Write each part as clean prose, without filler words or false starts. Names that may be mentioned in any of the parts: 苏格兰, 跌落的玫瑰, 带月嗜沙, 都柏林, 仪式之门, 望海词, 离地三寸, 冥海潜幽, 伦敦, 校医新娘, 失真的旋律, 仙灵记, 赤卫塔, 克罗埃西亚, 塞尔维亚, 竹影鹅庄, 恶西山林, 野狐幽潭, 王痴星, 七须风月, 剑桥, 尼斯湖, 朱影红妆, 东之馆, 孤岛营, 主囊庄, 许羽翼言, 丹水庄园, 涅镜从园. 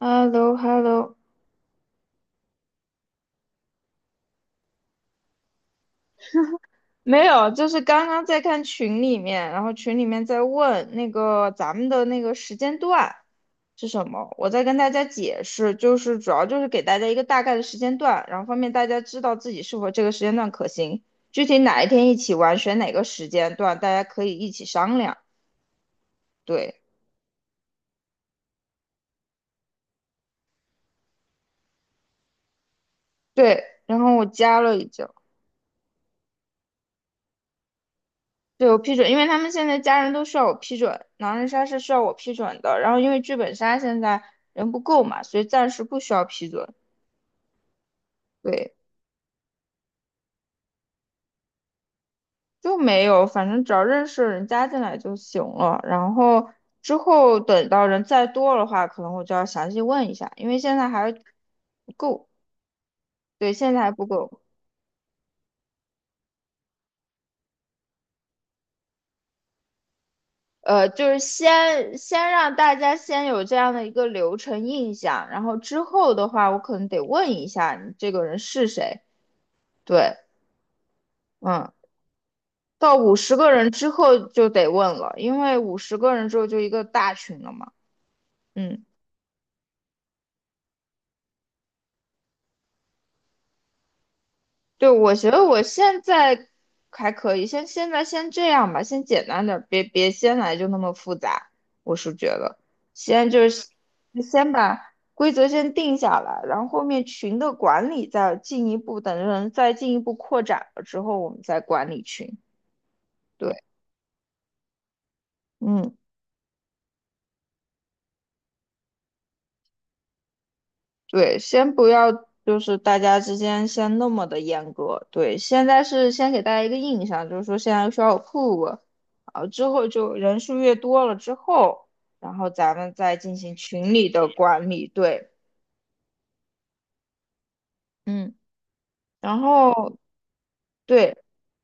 h e l l o h e l l o。 没有，就是刚刚在看群里面，然后群里面在问那个咱们的那个时间段是什么，我在跟大家解释，就是主要就是给大家一个大概的时间段，然后方便大家知道自己是否这个时间段可行，具体哪一天一起玩，选哪个时间段，大家可以一起商量。对，对，然后我加了已经。对，我批准，因为他们现在家人都需要我批准，狼人杀是需要我批准的。然后因为剧本杀现在人不够嘛，所以暂时不需要批准。对，就没有，反正只要认识的人加进来就行了。然后之后等到人再多的话，可能我就要详细问一下，因为现在还不够。对，现在还不够。就是先让大家先有这样的一个流程印象，然后之后的话，我可能得问一下你这个人是谁。对。嗯。到五十个人之后就得问了，因为五十个人之后就一个大群了嘛。嗯，对，我觉得我现在还可以，先现在先这样吧，先简单点儿，别先来就那么复杂。我是觉得，先就是先把规则先定下来，然后后面群的管理再进一步，等人再进一步扩展了之后，我们再管理群。对，嗯。对，先不要，就是大家之间先那么的严格。对，现在是先给大家一个印象，就是说现在需要有 p 啊，之后就人数越多了之后，然后咱们再进行群里的管理。对，嗯，然后对，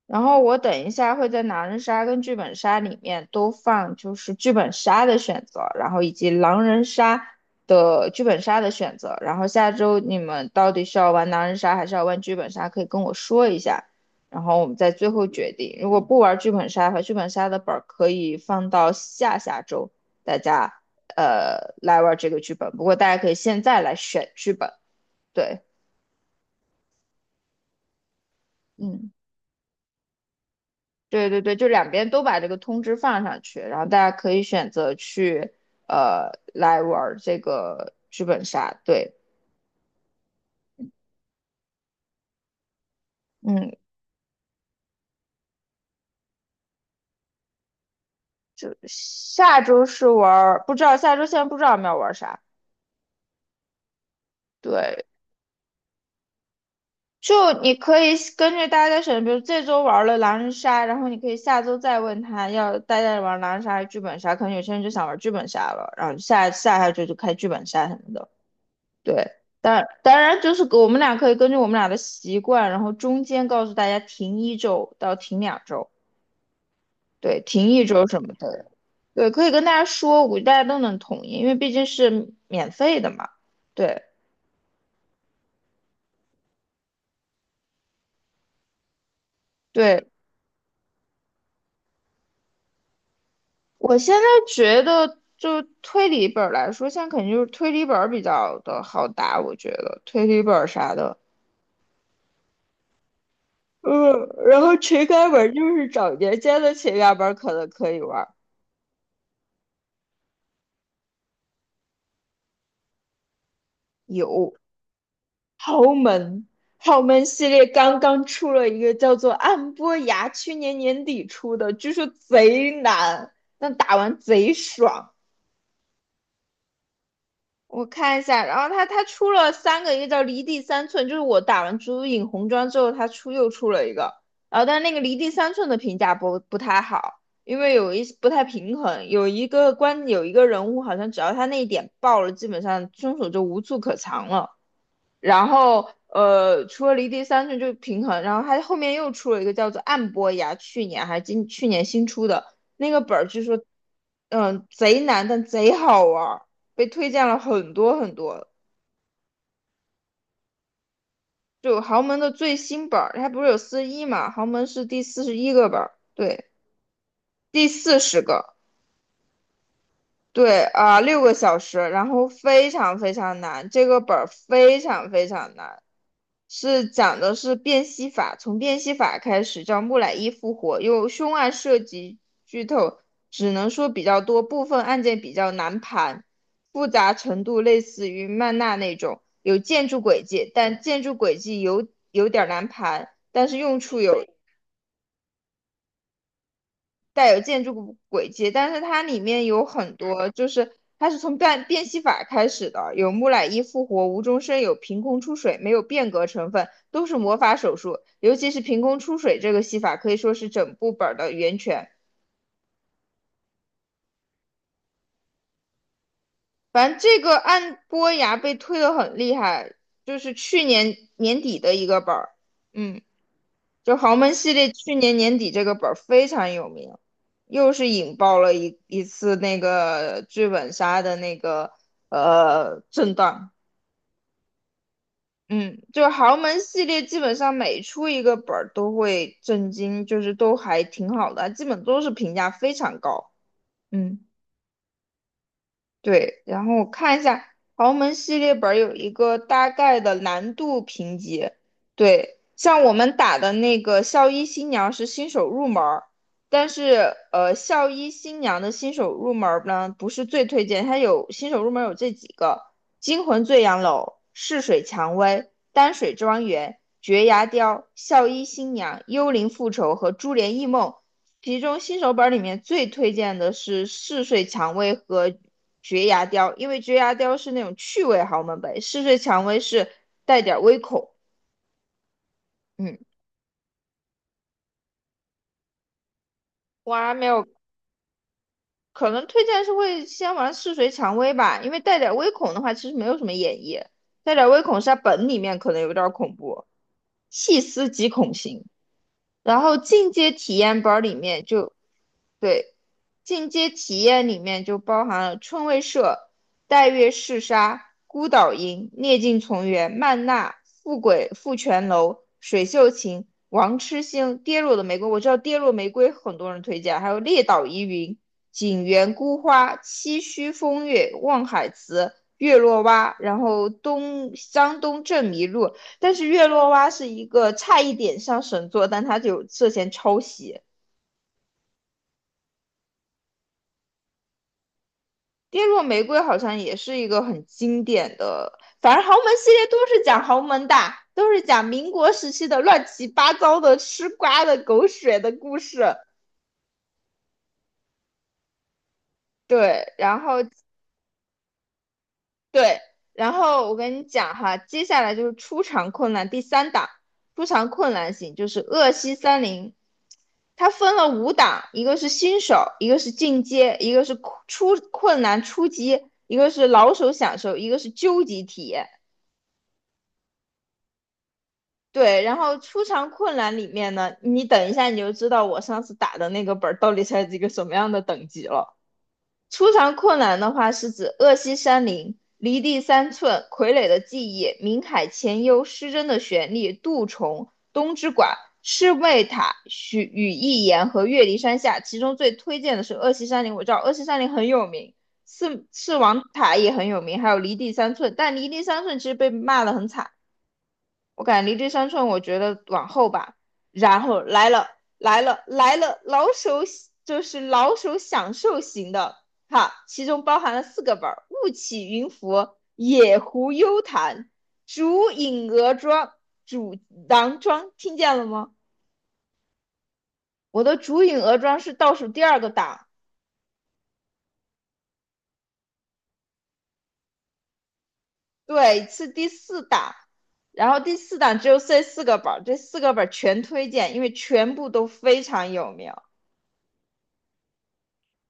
然后我等一下会在狼人杀跟剧本杀里面都放，就是剧本杀的选择，然后以及狼人杀的剧本杀的选择。然后下周你们到底是要玩狼人杀还是要玩剧本杀，可以跟我说一下，然后我们再最后决定。如果不玩剧本杀的话，剧本杀的本儿可以放到下下周，大家来玩这个剧本。不过大家可以现在来选剧本，对，嗯。对，对，对，就两边都把这个通知放上去，然后大家可以选择去来玩儿这个剧本杀。对，嗯，就下周是玩儿，不知道下周现在不知道我们要玩儿啥。对，就你可以根据大家的选，比如这周玩了狼人杀，然后你可以下周再问他要大家玩狼人杀还是剧本杀，可能有些人就想玩剧本杀了，然后下下下周就开剧本杀什么的。对，当然就是给我们俩可以根据我们俩的习惯，然后中间告诉大家停一周到停两周，对，停一周什么的，对，可以跟大家说，我估计大家都能同意，因为毕竟是免费的嘛。对，对，我现在觉得就推理本儿来说，现在肯定就是推理本儿比较的好打，我觉得推理本儿啥的，嗯，然后情感本儿就是找年间的情感本儿可能可以玩儿，有。豪门，豪门系列刚刚出了一个叫做《暗波崖》，去年年底出的，据说贼难，但打完贼爽。我看一下，然后他出了三个，一个叫《离地三寸》，就是我打完《朱影红妆》之后，他又出了一个，然后但是那个《离地三寸》的评价不太好，因为不太平衡，有一个人物好像只要他那一点爆了，基本上凶手就无处可藏了。然后除了离地三寸就平衡，然后它后面又出了一个叫做暗波崖，去年新出的那个本儿，据说贼难，但贼好玩儿，被推荐了很多很多。就豪门的最新本儿，它不是有四十一嘛？豪门是第41个本儿，对，第40个。对啊，6个小时，然后非常非常难，这个本儿非常非常难，是讲的是辨析法，从辨析法开始叫木乃伊复活，有凶案涉及剧透，只能说比较多，部分案件比较难盘，复杂程度类似于曼纳那种，有建筑轨迹，但建筑轨迹有点儿难盘，但是用处有带有建筑古轨迹，但是它里面有很多，就是它是从变戏法开始的，有木乃伊复活、无中生有、凭空出水，没有变革成分，都是魔法手术。尤其是凭空出水这个戏法，可以说是整部本儿的源泉。反正这个按波崖被推得很厉害，就是去年年底的一个本儿，嗯。就豪门系列去年年底这个本儿非常有名，又是引爆了一次那个剧本杀的那个震荡。嗯，就是豪门系列基本上每出一个本儿都会震惊，就是都还挺好的，基本都是评价非常高。嗯。对，然后我看一下豪门系列本儿有一个大概的难度评级。对，像我们打的那个校医新娘是新手入门儿，但是校医新娘的新手入门儿呢不是最推荐，它有新手入门儿有这几个：惊魂醉杨楼、逝水蔷薇、丹水庄园、绝崖雕、校医新娘、幽灵复仇和珠帘异梦。其中新手本儿里面最推荐的是《逝水蔷薇》和绝牙雕，因为绝牙雕是那种趣味豪门本，嗜睡蔷薇是带点微恐。嗯，我还没有，可能推荐是会先玩嗜睡蔷薇吧，因为带点微恐的话，其实没有什么演绎，带点微恐是它本里面可能有点恐怖，细思极恐型。然后进阶体验本里面就对，进阶体验里面就包含了春未社、带月嗜沙、孤岛营、涅镜从园、曼娜、富贵富泉楼、水秀琴、王痴星、跌落的玫瑰。我知道跌落玫瑰很多人推荐，还有列岛疑云、景园孤花、七须风月、望海词。月落蛙，然后东江东镇迷路，但是月落蛙是一个差一点上神作，但它就涉嫌抄袭。跌落玫瑰好像也是一个很经典的，反正豪门系列都是讲豪门的，都是讲民国时期的乱七八糟的吃瓜的狗血的故事。对，然后对，然后我跟你讲哈，接下来就是出场困难第三档，出场困难型就是恶西三零，它分了五档，一个是新手，一个是进阶，一个是出困难初级，一个是老手享受，一个是究极体验。对，然后出场困难里面呢，你等一下你就知道我上次打的那个本儿到底是一个什么样的等级了。出场困难的话是指恶西山林、离地三寸、傀儡的记忆、冥海潜幽、失真的旋律、杜虫、东之馆、赤卫塔、许羽翼言和月离山下。其中最推荐的是恶西山林，我知道恶西山林很有名，四四王塔也很有名，还有离地三寸，但离地三寸其实被骂得很惨。我感觉离这三寸，我觉得往后吧。然后来了，来了，来了，老手就是老手享受型的哈，其中包含了四个本儿：雾起云浮、野狐幽潭、竹影鹅庄、主囊庄。听见了吗？我的竹影鹅庄是倒数第二个档，对，是第四档。然后第四档只有这四个本儿，这四个本儿全推荐，因为全部都非常有名。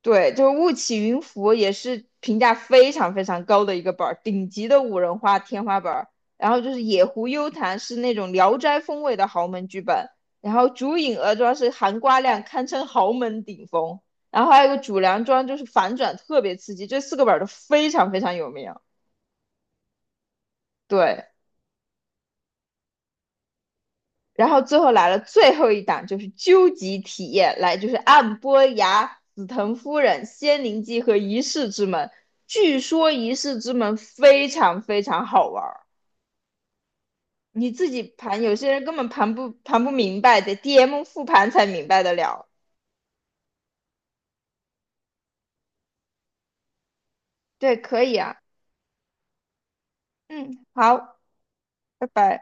对，就是《雾起云浮》也是评价非常非常高的一个本儿，顶级的五人花天花板儿。然后就是《野狐幽谈》是那种聊斋风味的豪门剧本，然后竹影鹅庄是含瓜量堪称豪门顶峰，然后还有一个主梁庄就是反转特别刺激，这四个本儿都非常非常有名。对，然后最后来了最后一档，就是究极体验，来就是暗波崖、紫藤夫人、仙灵记和仪式之门。据说仪式之门非常非常好玩儿，你自己盘，有些人根本盘不明白，得 DM 复盘才明白得了。对，可以啊，嗯，好，拜拜。